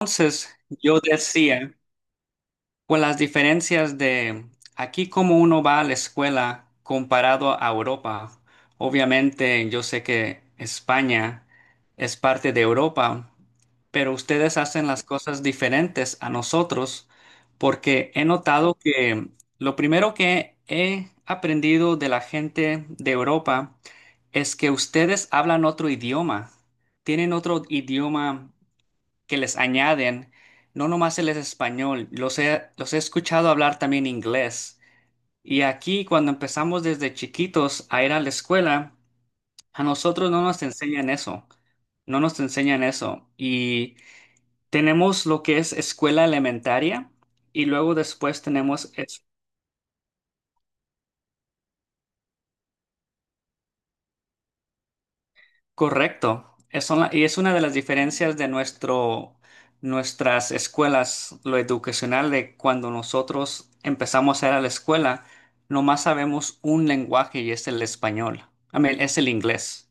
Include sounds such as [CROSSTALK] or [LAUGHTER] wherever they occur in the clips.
Entonces, yo decía, con las diferencias de aquí como uno va a la escuela comparado a Europa. Obviamente yo sé que España es parte de Europa, pero ustedes hacen las cosas diferentes a nosotros porque he notado que lo primero que he aprendido de la gente de Europa es que ustedes hablan otro idioma, tienen otro idioma que les añaden, no nomás el español. Los he escuchado hablar también inglés. Y aquí, cuando empezamos desde chiquitos a ir a la escuela, a nosotros no nos enseñan eso, no nos enseñan eso. Y tenemos lo que es escuela elementaria y luego después tenemos... Correcto. Y es una de las diferencias de nuestras escuelas, lo educacional, de cuando nosotros empezamos a ir a la escuela, nomás sabemos un lenguaje y es el español. I mean, es el inglés.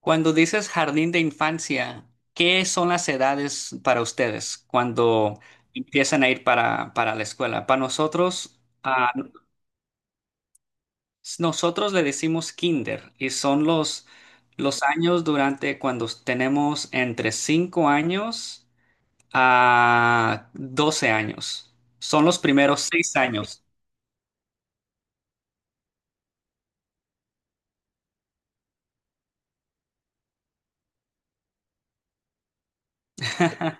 Cuando dices jardín de infancia, ¿qué son las edades para ustedes cuando empiezan a ir para la escuela? Para nosotros, nosotros le decimos kinder y son los años durante cuando tenemos entre 5 años a 12 años. Son los primeros 6 años. [LAUGHS]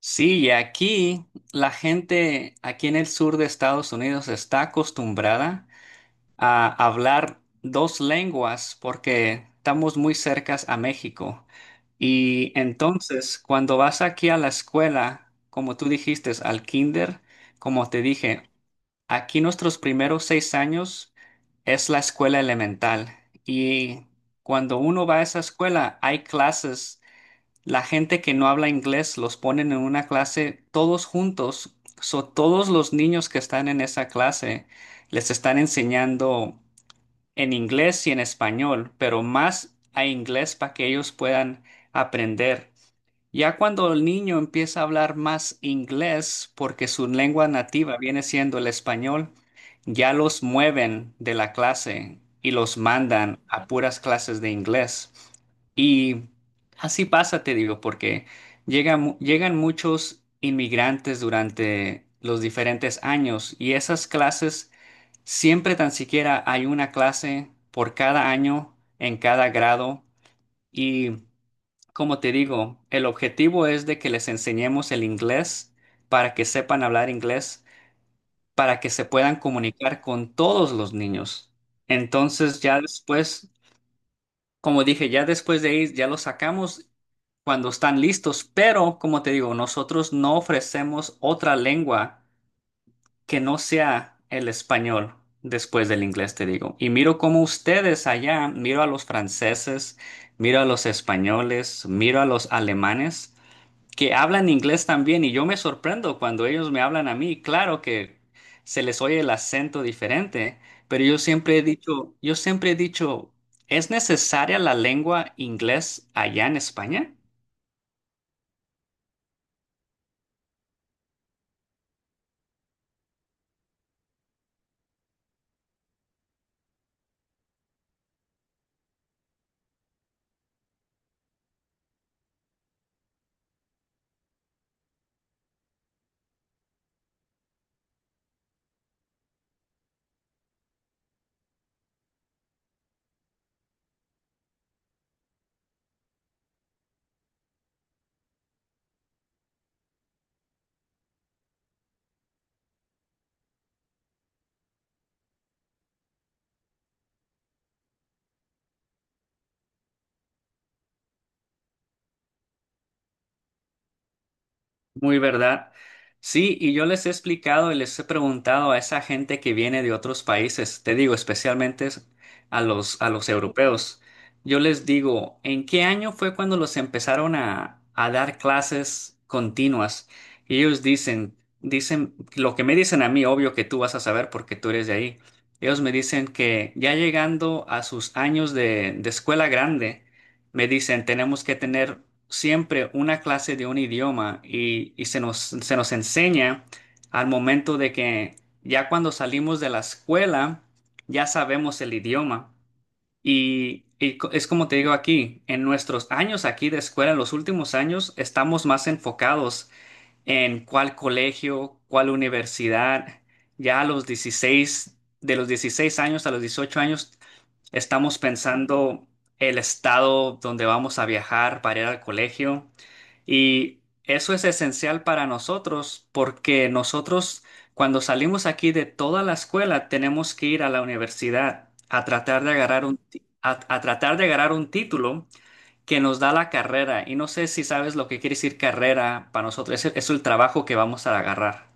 Sí, y aquí la gente, aquí en el sur de Estados Unidos está acostumbrada a hablar dos lenguas porque estamos muy cercas a México. Y entonces, cuando vas aquí a la escuela, como tú dijiste, al kinder, como te dije, aquí nuestros primeros 6 años es la escuela elemental. Y cuando uno va a esa escuela, hay clases. La gente que no habla inglés los ponen en una clase todos juntos. So, todos los niños que están en esa clase les están enseñando en inglés y en español, pero más a inglés para que ellos puedan aprender. Ya cuando el niño empieza a hablar más inglés, porque su lengua nativa viene siendo el español, ya los mueven de la clase y los mandan a puras clases de inglés. Y así pasa, te digo, porque llegan muchos inmigrantes durante los diferentes años y esas clases, siempre tan siquiera hay una clase por cada año en cada grado. Y como te digo, el objetivo es de que les enseñemos el inglés para que sepan hablar inglés, para que se puedan comunicar con todos los niños. Entonces ya después, como dije, ya después de ahí ya los sacamos cuando están listos, pero como te digo, nosotros no ofrecemos otra lengua que no sea el español después del inglés, te digo. Y miro como ustedes allá, miro a los franceses, miro a los españoles, miro a los alemanes que hablan inglés también y yo me sorprendo cuando ellos me hablan a mí. Claro que se les oye el acento diferente, pero yo siempre he dicho, yo siempre he dicho, ¿es necesaria la lengua inglés allá en España? Muy verdad. Sí, y yo les he explicado y les he preguntado a esa gente que viene de otros países, te digo, a los europeos. Yo les digo, ¿en qué año fue cuando los empezaron a dar clases continuas? Y ellos dicen, dicen, lo que me dicen a mí, obvio que tú vas a saber porque tú eres de ahí. Ellos me dicen que ya llegando a sus años de escuela grande, me dicen, tenemos que tener siempre una clase de un idioma y se nos enseña al momento de que ya cuando salimos de la escuela, ya sabemos el idioma. Es como te digo aquí, en nuestros años aquí de escuela, en los últimos años, estamos más enfocados en cuál colegio, cuál universidad. Ya a los 16 de los 16 años a los 18 años, estamos pensando el estado donde vamos a viajar para ir al colegio. Y eso es esencial para nosotros porque nosotros cuando salimos aquí de toda la escuela tenemos que ir a la universidad a tratar de agarrar a tratar de agarrar un título que nos da la carrera. Y no sé si sabes lo que quiere decir carrera para nosotros. Es el trabajo que vamos a agarrar.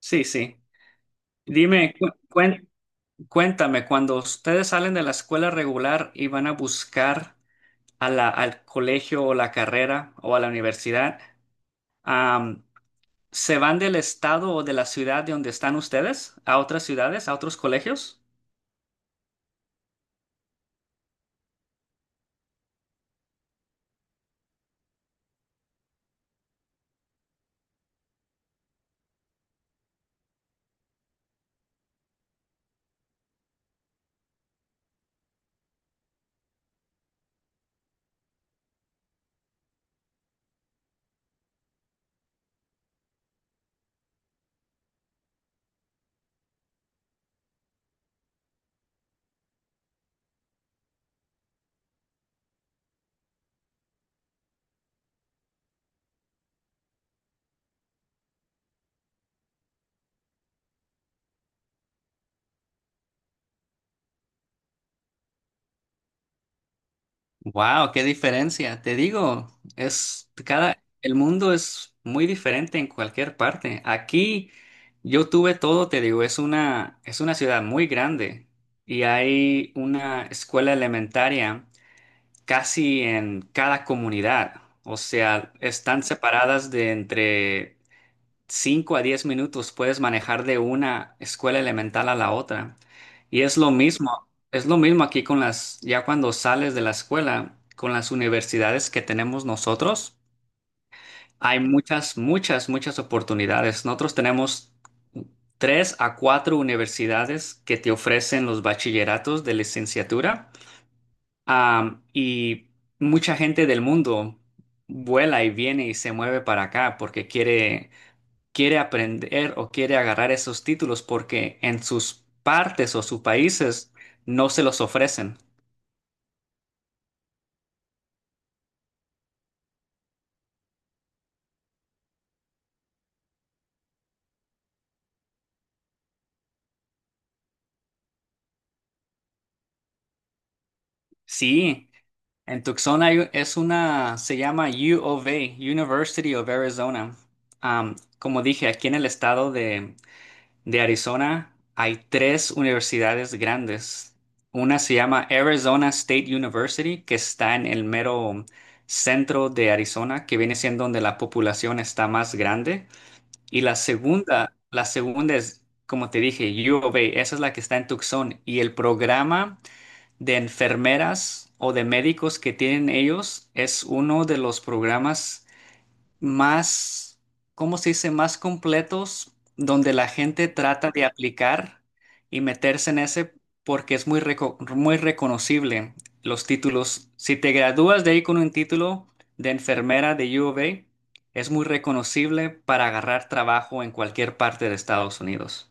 Sí, sí. Dime, cuéntame, cuando ustedes salen de la escuela regular y van a buscar al colegio o la carrera o a la universidad, am, ¿se van del estado o de la ciudad de donde están ustedes a otras ciudades, a otros colegios? Wow, qué diferencia. Te digo, es cada, el mundo es muy diferente en cualquier parte. Aquí yo tuve todo, te digo, es una ciudad muy grande y hay una escuela elementaria casi en cada comunidad. O sea, están separadas de entre 5 a 10 minutos puedes manejar de una escuela elemental a la otra. Y es lo mismo aquí con las, ya cuando sales de la escuela, con las universidades que tenemos nosotros, hay muchas, muchas, muchas oportunidades. Nosotros tenemos tres a cuatro universidades que te ofrecen los bachilleratos de licenciatura. Y mucha gente del mundo vuela y viene y se mueve para acá porque quiere aprender o quiere agarrar esos títulos porque en sus partes o sus países no se los ofrecen. Sí, en Tucson hay- es una, se llama U of A, University of Arizona. Como dije, aquí en el estado de Arizona hay tres universidades grandes. Una se llama Arizona State University, que está en el mero centro de Arizona, que viene siendo donde la población está más grande. Y la segunda es, como te dije, U of A, esa es la que está en Tucson. Y el programa de enfermeras o de médicos que tienen ellos es uno de los programas más, ¿cómo se dice?, más completos, donde la gente trata de aplicar y meterse en ese porque es muy reconocible los títulos. Si te gradúas de ahí con un título de enfermera de U of A, es muy reconocible para agarrar trabajo en cualquier parte de Estados Unidos.